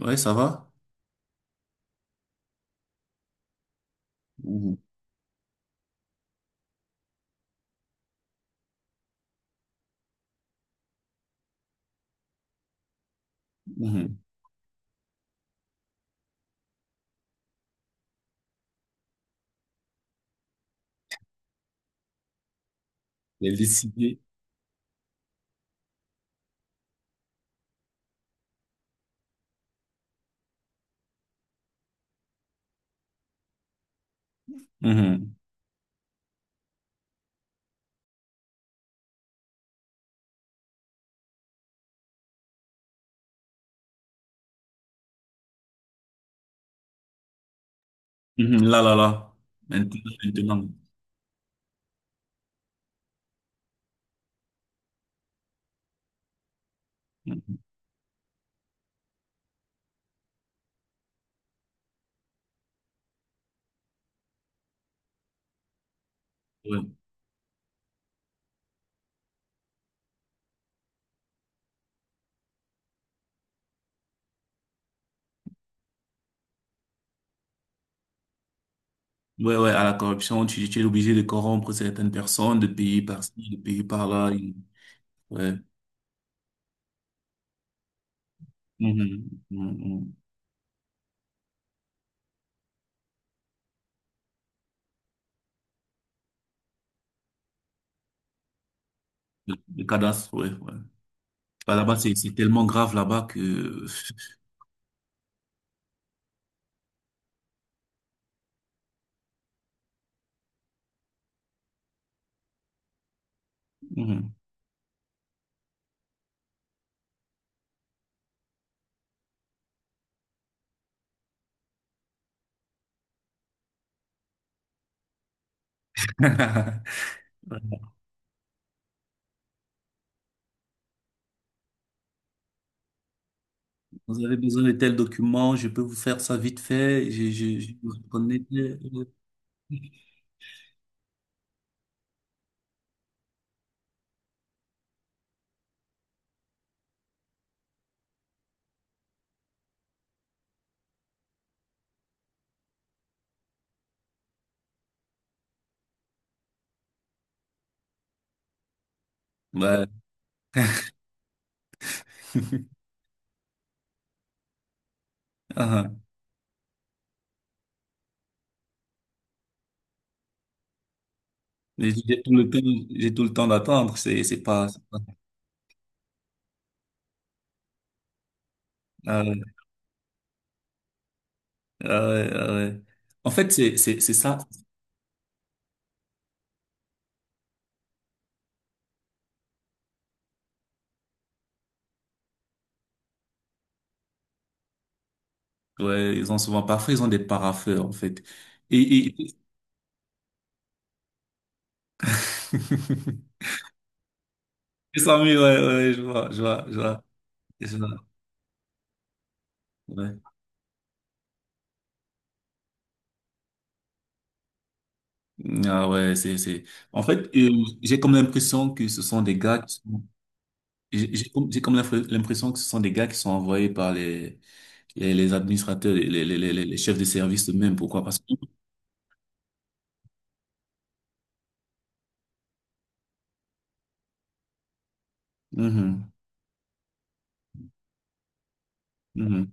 Ouais, ça va? Mhm. Mhm. Les décidé. Mhm. Mhm. Là, là, là. Maintenant, maintenant. Mhm. Ouais. Ouais, ouais, à la corruption, tu es obligé de corrompre certaines personnes, de payer par-ci, de payer par-là ouais. Mhm. Mhm. Mhm. Le cadastre, ouais, ouais. Bah, là-bas, c'est tellement grave là-bas que... Mhm. Vous avez besoin de tels documents, je peux vous faire ça vite fait. Je vous reconnais. Ouais. Ah, ah. J'ai tout le temps, j'ai tout le temps d'attendre. C'est pas. C'est pas- Ah ouais, ah ouais, ah ouais. En fait, c'est ça. Ouais, ils ont souvent pas, parfois ils ont des paraffeurs en fait. Et, et... C'est ça, oui, ouais, ouais, je vois, je vois, je vois. Ouais. Ah ouais, c'est, c'est. En fait, j'ai comme l'impression que ce sont des gars qui sont. J'ai comme l'impression que ce sont des gars qui sont envoyés par les administrateurs, les chefs de service eux-mêmes. Pourquoi? Parce que mhm. Mhm.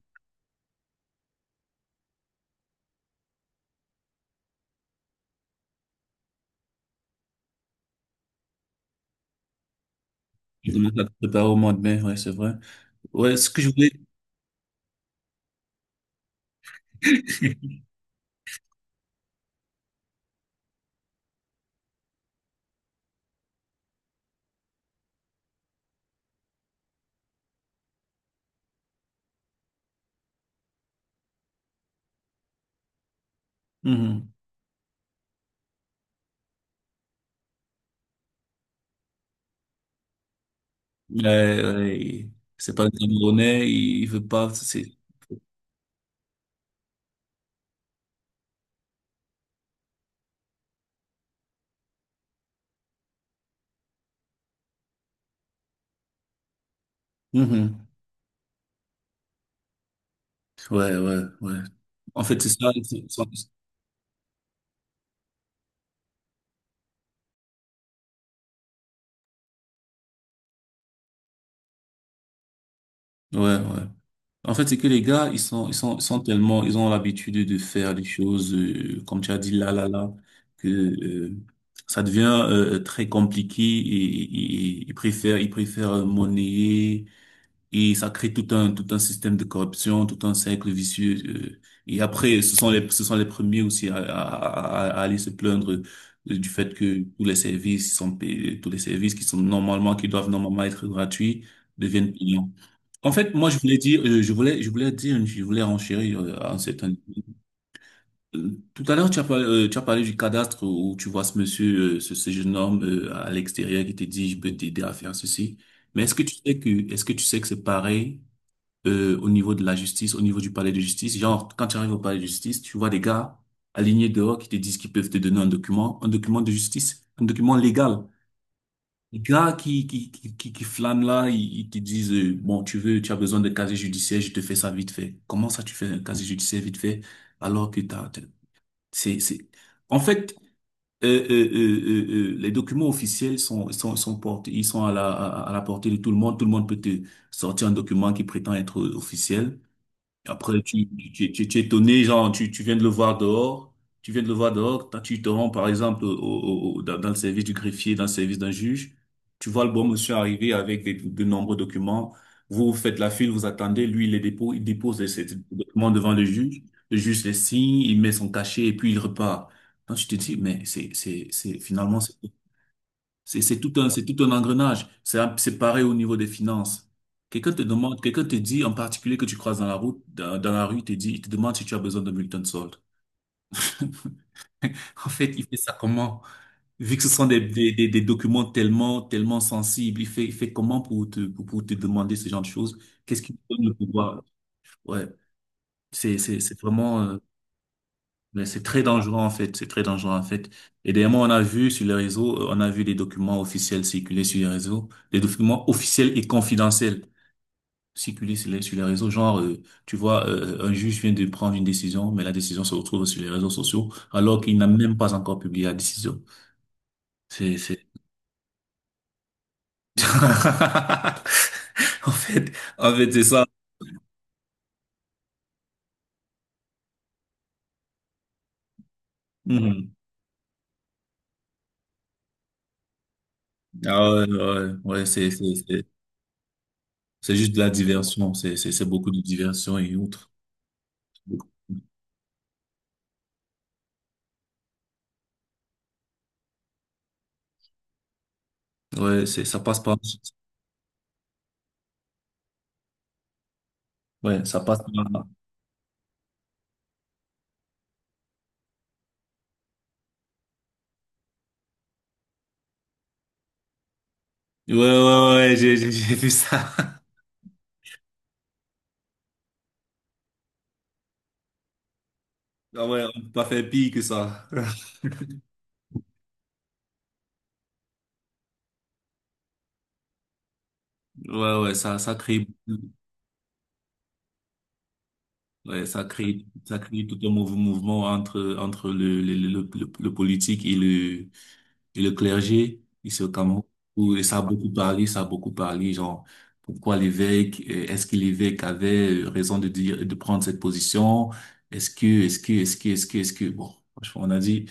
Je commence à préparer au mois de mai, ouais, c'est vrai. Ouais, ce que je voulais. Mhm. Ouais, ouais, c'est pas le Camerounais, il veut pas. C'est... Mhm. Ouais, ouais, ouais. En fait, c'est ça. Ouais, ouais. En fait, c'est que les gars, ils sont tellement, ils ont l'habitude de faire des choses, comme tu as dit, là, là, là, que ça devient très compliqué et ils préfèrent monnayer. Et ça crée tout un système de corruption, tout un cercle vicieux. Et après, ce sont les premiers aussi à, à aller se plaindre du fait que tous les services sont payés, tous les services qui sont normalement, qui doivent normalement être gratuits, deviennent payants. En fait, moi, je voulais dire, je voulais dire, je voulais renchérir à un certain. Tout à l'heure, tu as parlé du cadastre où tu vois ce monsieur, ce, ce jeune homme à l'extérieur qui te dit, je peux t'aider à faire ceci. Mais est-ce que tu sais que, est-ce que tu sais que c'est pareil? Au niveau de la justice, au niveau du palais de justice. Genre, quand tu arrives au palais de justice, tu vois des gars alignés dehors qui te disent qu'ils peuvent te donner un document de justice, un document légal. Les gars qui flânent là, ils te disent, bon, tu veux, tu as besoin de casier judiciaire, je te fais ça vite fait. Comment ça, tu fais un casier judiciaire vite fait, alors que c'est, c'est, en fait, les documents officiels sont portés, ils sont à la, à la portée de tout le monde. Tout le monde peut te sortir un document qui prétend être officiel. Après, tu es étonné, genre, tu viens de le voir dehors, tu viens de le voir dehors, tu te rends, par exemple, dans, dans le service du greffier, dans le service d'un juge, tu vois le bon monsieur arriver avec des, de nombreux documents, vous, vous faites la file, vous attendez, lui, il les dépose, il dépose ces documents devant le juge les signe, il met son cachet et puis il repart. Donc, tu te dis, mais c'est, finalement, c'est tout un engrenage. C'est pareil au niveau des finances. Quelqu'un te demande, quelqu'un te dit en particulier que tu croises dans la route, dans la rue, il te dit, il te demande si tu as besoin d'un bulletin de solde. En fait, il fait ça comment? Vu que ce sont des, des documents tellement, tellement sensibles, il fait comment pour te demander ce genre de choses? Qu'est-ce qui donne le pouvoir? Ouais, c'est vraiment, mais c'est très dangereux en fait, c'est très dangereux en fait. Et dernièrement, on a vu sur les réseaux, on a vu des documents officiels circuler sur les réseaux, des documents officiels et confidentiels circuler sur les réseaux. Genre, tu vois, un juge vient de prendre une décision, mais la décision se retrouve sur les réseaux sociaux, alors qu'il n'a même pas encore publié la décision. C'est... En fait, c'est ça. Mhm. Ah ouais, ouais, ouais, ouais, c'est juste de la diversion, c'est beaucoup de diversion et autres. Ouais, c'est, ça passe pas. Ouais, ça passe pas. Ouais, ouais, ouais, j'ai, j'ai vu ça. Ah ouais, on peut pas faire pire que ça. Ouais, ouais, ça crée, ouais, ça crée tout un mouvement entre, entre le, le politique et le clergé, ici au Cameroun. Où, et ça a beaucoup parlé, ça a beaucoup parlé, genre, pourquoi l'évêque, est-ce que l'évêque avait raison de dire, de prendre cette position? Est-ce que, bon, franchement, on a dit.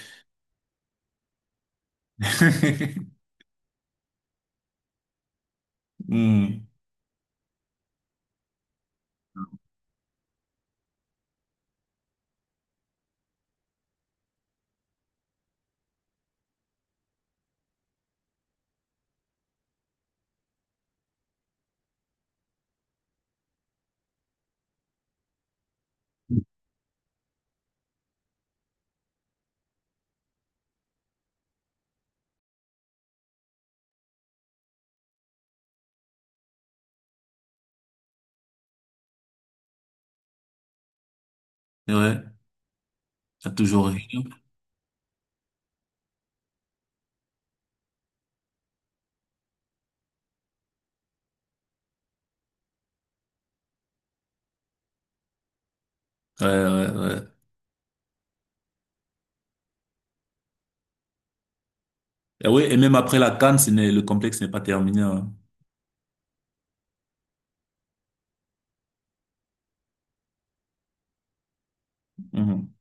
Hmm. Ouais, t'as toujours rien. Ouais, ouais, ouais. Et oui, et même après la CAN, ce n'est, le complexe n'est pas terminé. Hein. Mhm.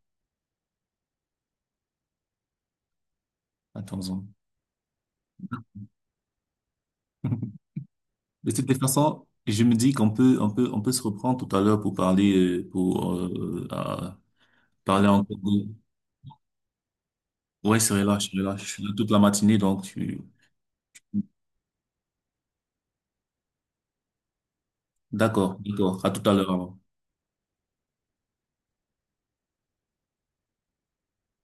Attends-en. De toute façon, je me dis qu'on peut, on peut, on peut se reprendre tout à l'heure pour parler encore. Ouais, c'est relâche, relâche. Je suis là toute la matinée, donc tu... D'accord, d'accord. À tout à l'heure. Alors.